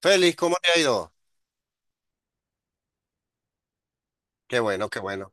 Félix, ¿cómo te ha ido? Qué bueno, qué bueno.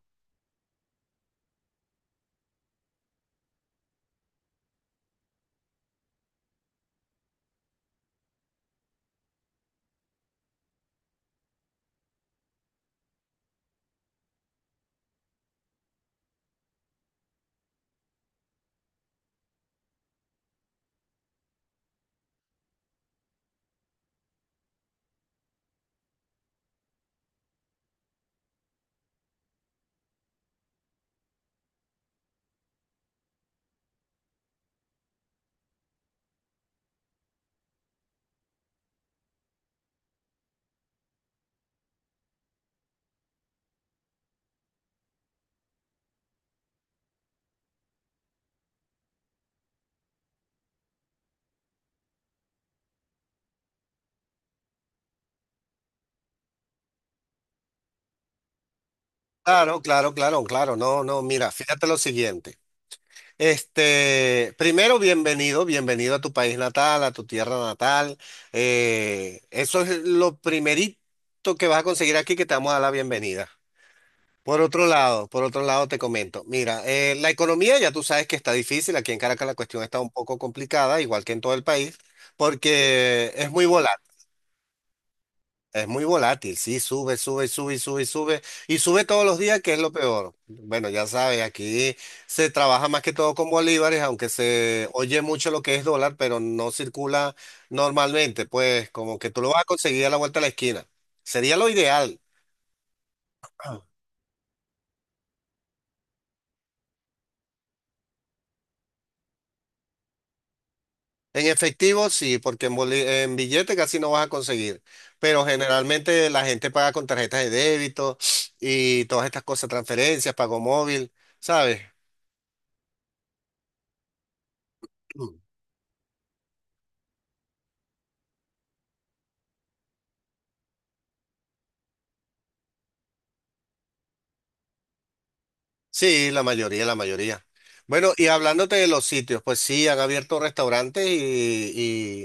Claro, claro, claro, claro. No, no, mira, fíjate lo siguiente. Este, primero, bienvenido, bienvenido a tu país natal, a tu tierra natal. Eso es lo primerito que vas a conseguir aquí, que te vamos a dar la bienvenida. Por otro lado te comento, mira, la economía ya tú sabes que está difícil, aquí en Caracas la cuestión está un poco complicada, igual que en todo el país, porque es muy volátil. Es muy volátil, sí, sube, sube, sube, sube, sube, y sube todos los días, que es lo peor. Bueno, ya sabes, aquí se trabaja más que todo con bolívares, aunque se oye mucho lo que es dólar, pero no circula normalmente, pues como que tú lo vas a conseguir a la vuelta de la esquina. Sería lo ideal. Ah. En efectivo, sí, porque en billete casi no vas a conseguir, pero generalmente la gente paga con tarjetas de débito y todas estas cosas, transferencias, pago móvil, ¿sabes? Sí, la mayoría, la mayoría. Bueno, y hablándote de los sitios, pues sí, han abierto restaurantes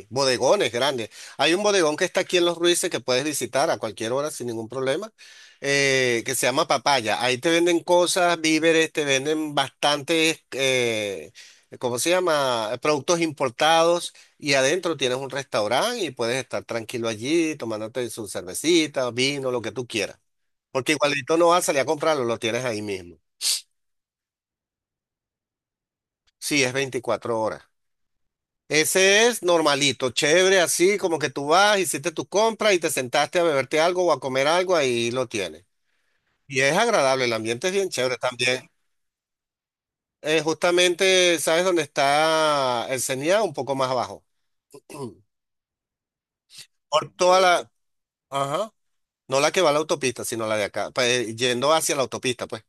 y bodegones grandes. Hay un bodegón que está aquí en Los Ruices que puedes visitar a cualquier hora sin ningún problema, que se llama Papaya. Ahí te venden cosas, víveres, te venden bastantes, ¿cómo se llama? Productos importados y adentro tienes un restaurante y puedes estar tranquilo allí tomándote su cervecita, vino, lo que tú quieras. Porque igualito no vas a salir a comprarlo, lo tienes ahí mismo. Sí, es 24 horas. Ese es normalito, chévere, así como que tú vas, hiciste tu compra y te sentaste a beberte algo o a comer algo, ahí lo tienes. Y es agradable, el ambiente es bien chévere también. Justamente, ¿sabes dónde está el CENIA? Un poco más abajo. Por toda la... Ajá. No la que va a la autopista, sino la de acá, pues, yendo hacia la autopista, pues.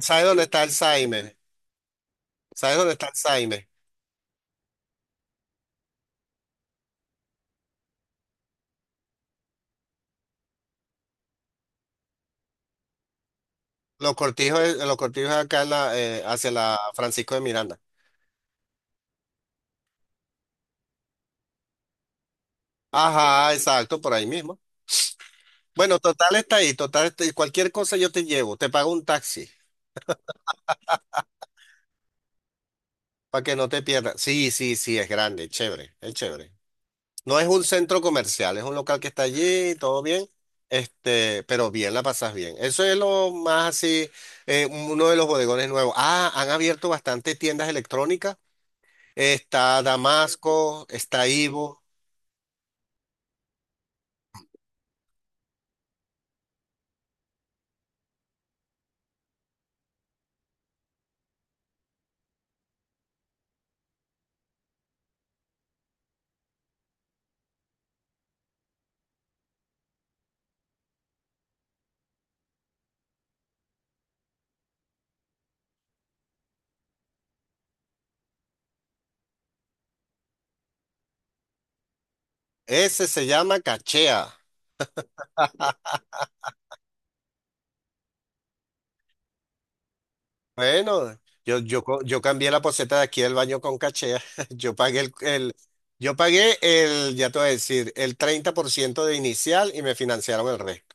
¿Sabes dónde está el Saime? ¿Sabes dónde está el Saime? Los cortijos es acá en la hacia la Francisco de Miranda. Ajá, exacto, por ahí mismo. Bueno, total está ahí, total está ahí. Cualquier cosa yo te llevo, te pago un taxi para que no te pierdas. Sí, sí, sí, es grande, es chévere, es chévere. No es un centro comercial, es un local que está allí, todo bien, este, pero bien, la pasas bien. Eso es lo más así, uno de los bodegones nuevos. Ah, han abierto bastantes tiendas electrónicas. Está Damasco, está Ivo. Ese se llama Cachea. Bueno, yo cambié la poceta de aquí del baño con cachea. Yo pagué el, el- yo pagué el, ya te voy a decir, el 30% de inicial y me financiaron el resto.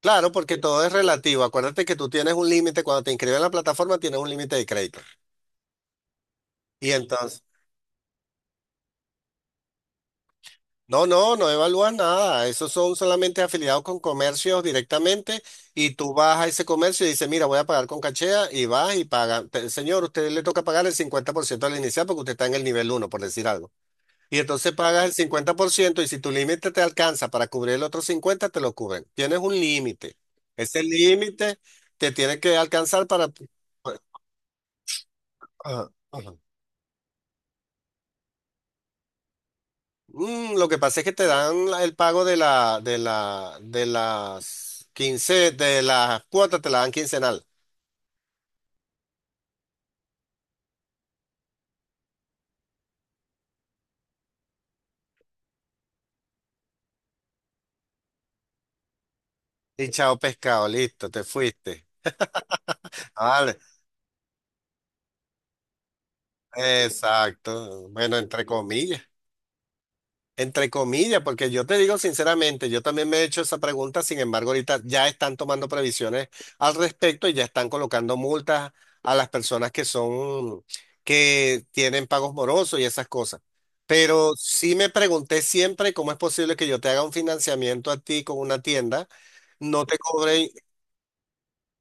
Claro, porque todo es relativo. Acuérdate que tú tienes un límite, cuando te inscribes en la plataforma tienes un límite de crédito. Y entonces, no, no, no evalúas nada. Esos son solamente afiliados con comercios directamente y tú vas a ese comercio y dices, mira, voy a pagar con cachea y vas y pagas. Señor, usted le toca pagar el 50% del inicial porque usted está en el nivel uno por decir algo. Y entonces pagas el 50% y si tu límite te alcanza para cubrir el otro 50 te lo cubren. Tienes un límite. Ese límite te tiene que alcanzar para... Ajá, ajá. Lo que pasa es que te dan el pago de de las 15 de las cuotas te la dan quincenal. Y chao pescado, listo, te fuiste. Vale, exacto. Bueno, entre comillas. Entre comillas, porque yo te digo sinceramente, yo también me he hecho esa pregunta, sin embargo, ahorita ya están tomando previsiones al respecto y ya están colocando multas a las personas que son, que tienen pagos morosos y esas cosas. Pero sí me pregunté siempre cómo es posible que yo te haga un financiamiento a ti con una tienda, no te cobre,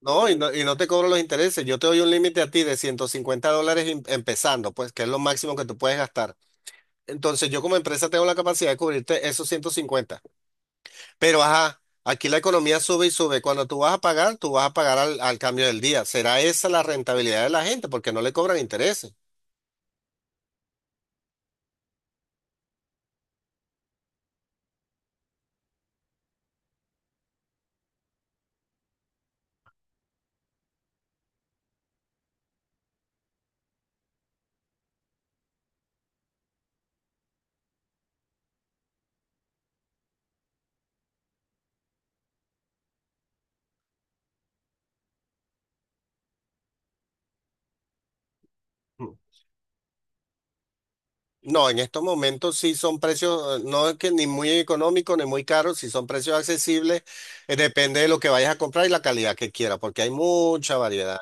no, y no, y no te cobro los intereses. Yo te doy un límite a ti de $150 empezando, pues, que es lo máximo que tú puedes gastar. Entonces yo como empresa tengo la capacidad de cubrirte esos 150. Pero ajá, aquí la economía sube y sube. Cuando tú vas a pagar, tú vas a pagar al cambio del día. ¿Será esa la rentabilidad de la gente? Porque no le cobran intereses. Mm. No, en estos momentos sí son precios, no es que ni muy económicos ni muy caros, sí son precios accesibles. Depende de lo que vayas a comprar y la calidad que quieras, porque hay mucha variedad.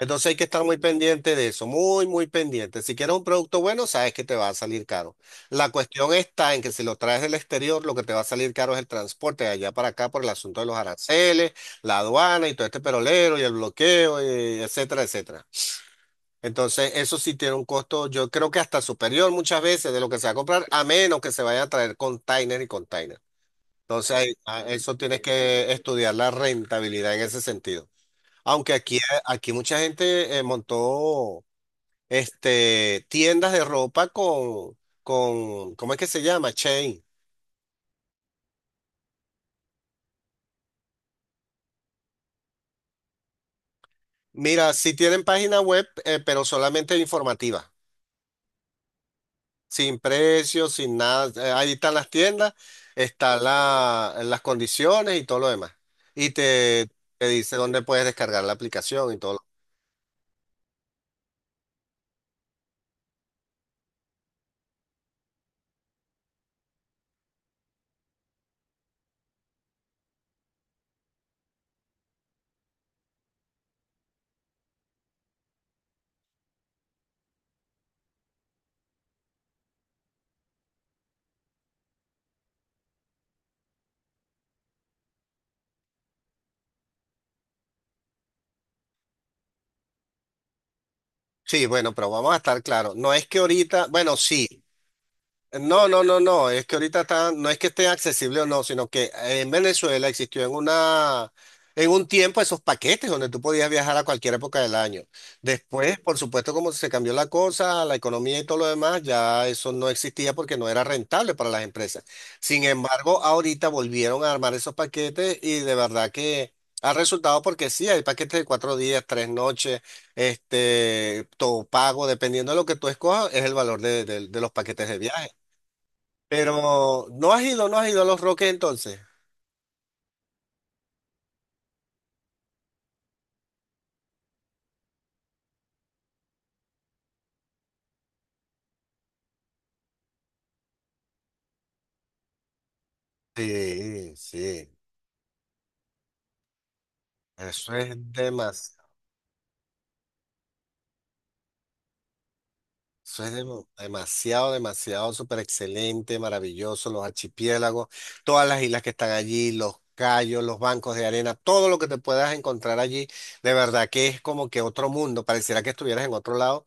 Entonces hay que estar muy pendiente de eso, muy, muy pendiente. Si quieres un producto bueno, sabes que te va a salir caro. La cuestión está en que si lo traes del exterior, lo que te va a salir caro es el transporte de allá para acá por el asunto de los aranceles, la aduana y todo este perolero y el bloqueo, y etcétera, etcétera. Entonces eso sí tiene un costo, yo creo que hasta superior muchas veces de lo que se va a comprar, a menos que se vaya a traer container y container. Eso tienes que estudiar la rentabilidad en ese sentido. Aunque aquí, aquí mucha gente montó este, tiendas de ropa con, ¿cómo es que se llama? Chain. Mira, sí tienen página web, pero solamente informativa, sin precios, sin nada. Ahí están las tiendas, están las condiciones y todo lo demás. Y te, te dice dónde puedes descargar la aplicación y todo. Lo- Sí, bueno, pero vamos a estar claros. No es que ahorita, bueno, sí. No, no, no, no, es que ahorita está, no es que esté accesible o no, sino que en Venezuela existió en un tiempo esos paquetes donde tú podías viajar a cualquier época del año. Después, por supuesto, como se cambió la cosa, la economía y todo lo demás, ya eso no existía porque no era rentable para las empresas. Sin embargo, ahorita volvieron a armar esos paquetes y de verdad que ha resultado porque sí, hay paquetes de 4 días, 3 noches, este, todo pago, dependiendo de lo que tú escojas, es el valor de de los paquetes de viaje. Pero no has ido, no has ido a Los Roques entonces. Sí, sí. Eso es demasiado, demasiado, demasiado, súper excelente, maravilloso. Los archipiélagos, todas las islas que están allí, los cayos, los bancos de arena, todo lo que te puedas encontrar allí, de verdad que es como que otro mundo. Pareciera que estuvieras en otro lado.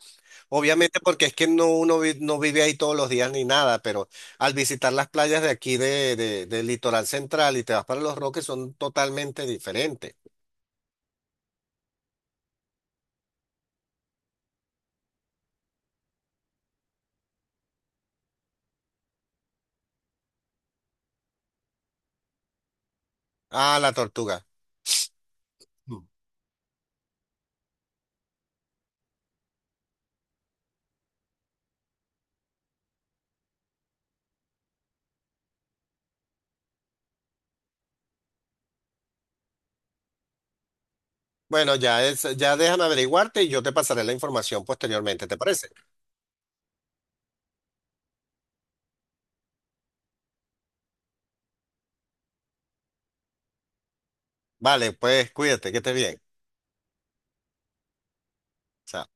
Obviamente porque es que no vive ahí todos los días ni nada, pero al visitar las playas de aquí del litoral central y te vas para Los Roques son totalmente diferentes. Ah, la tortuga. No. Bueno, ya es, ya déjame averiguarte y yo te pasaré la información posteriormente, ¿te parece? Vale, pues cuídate, que estés bien. Chao.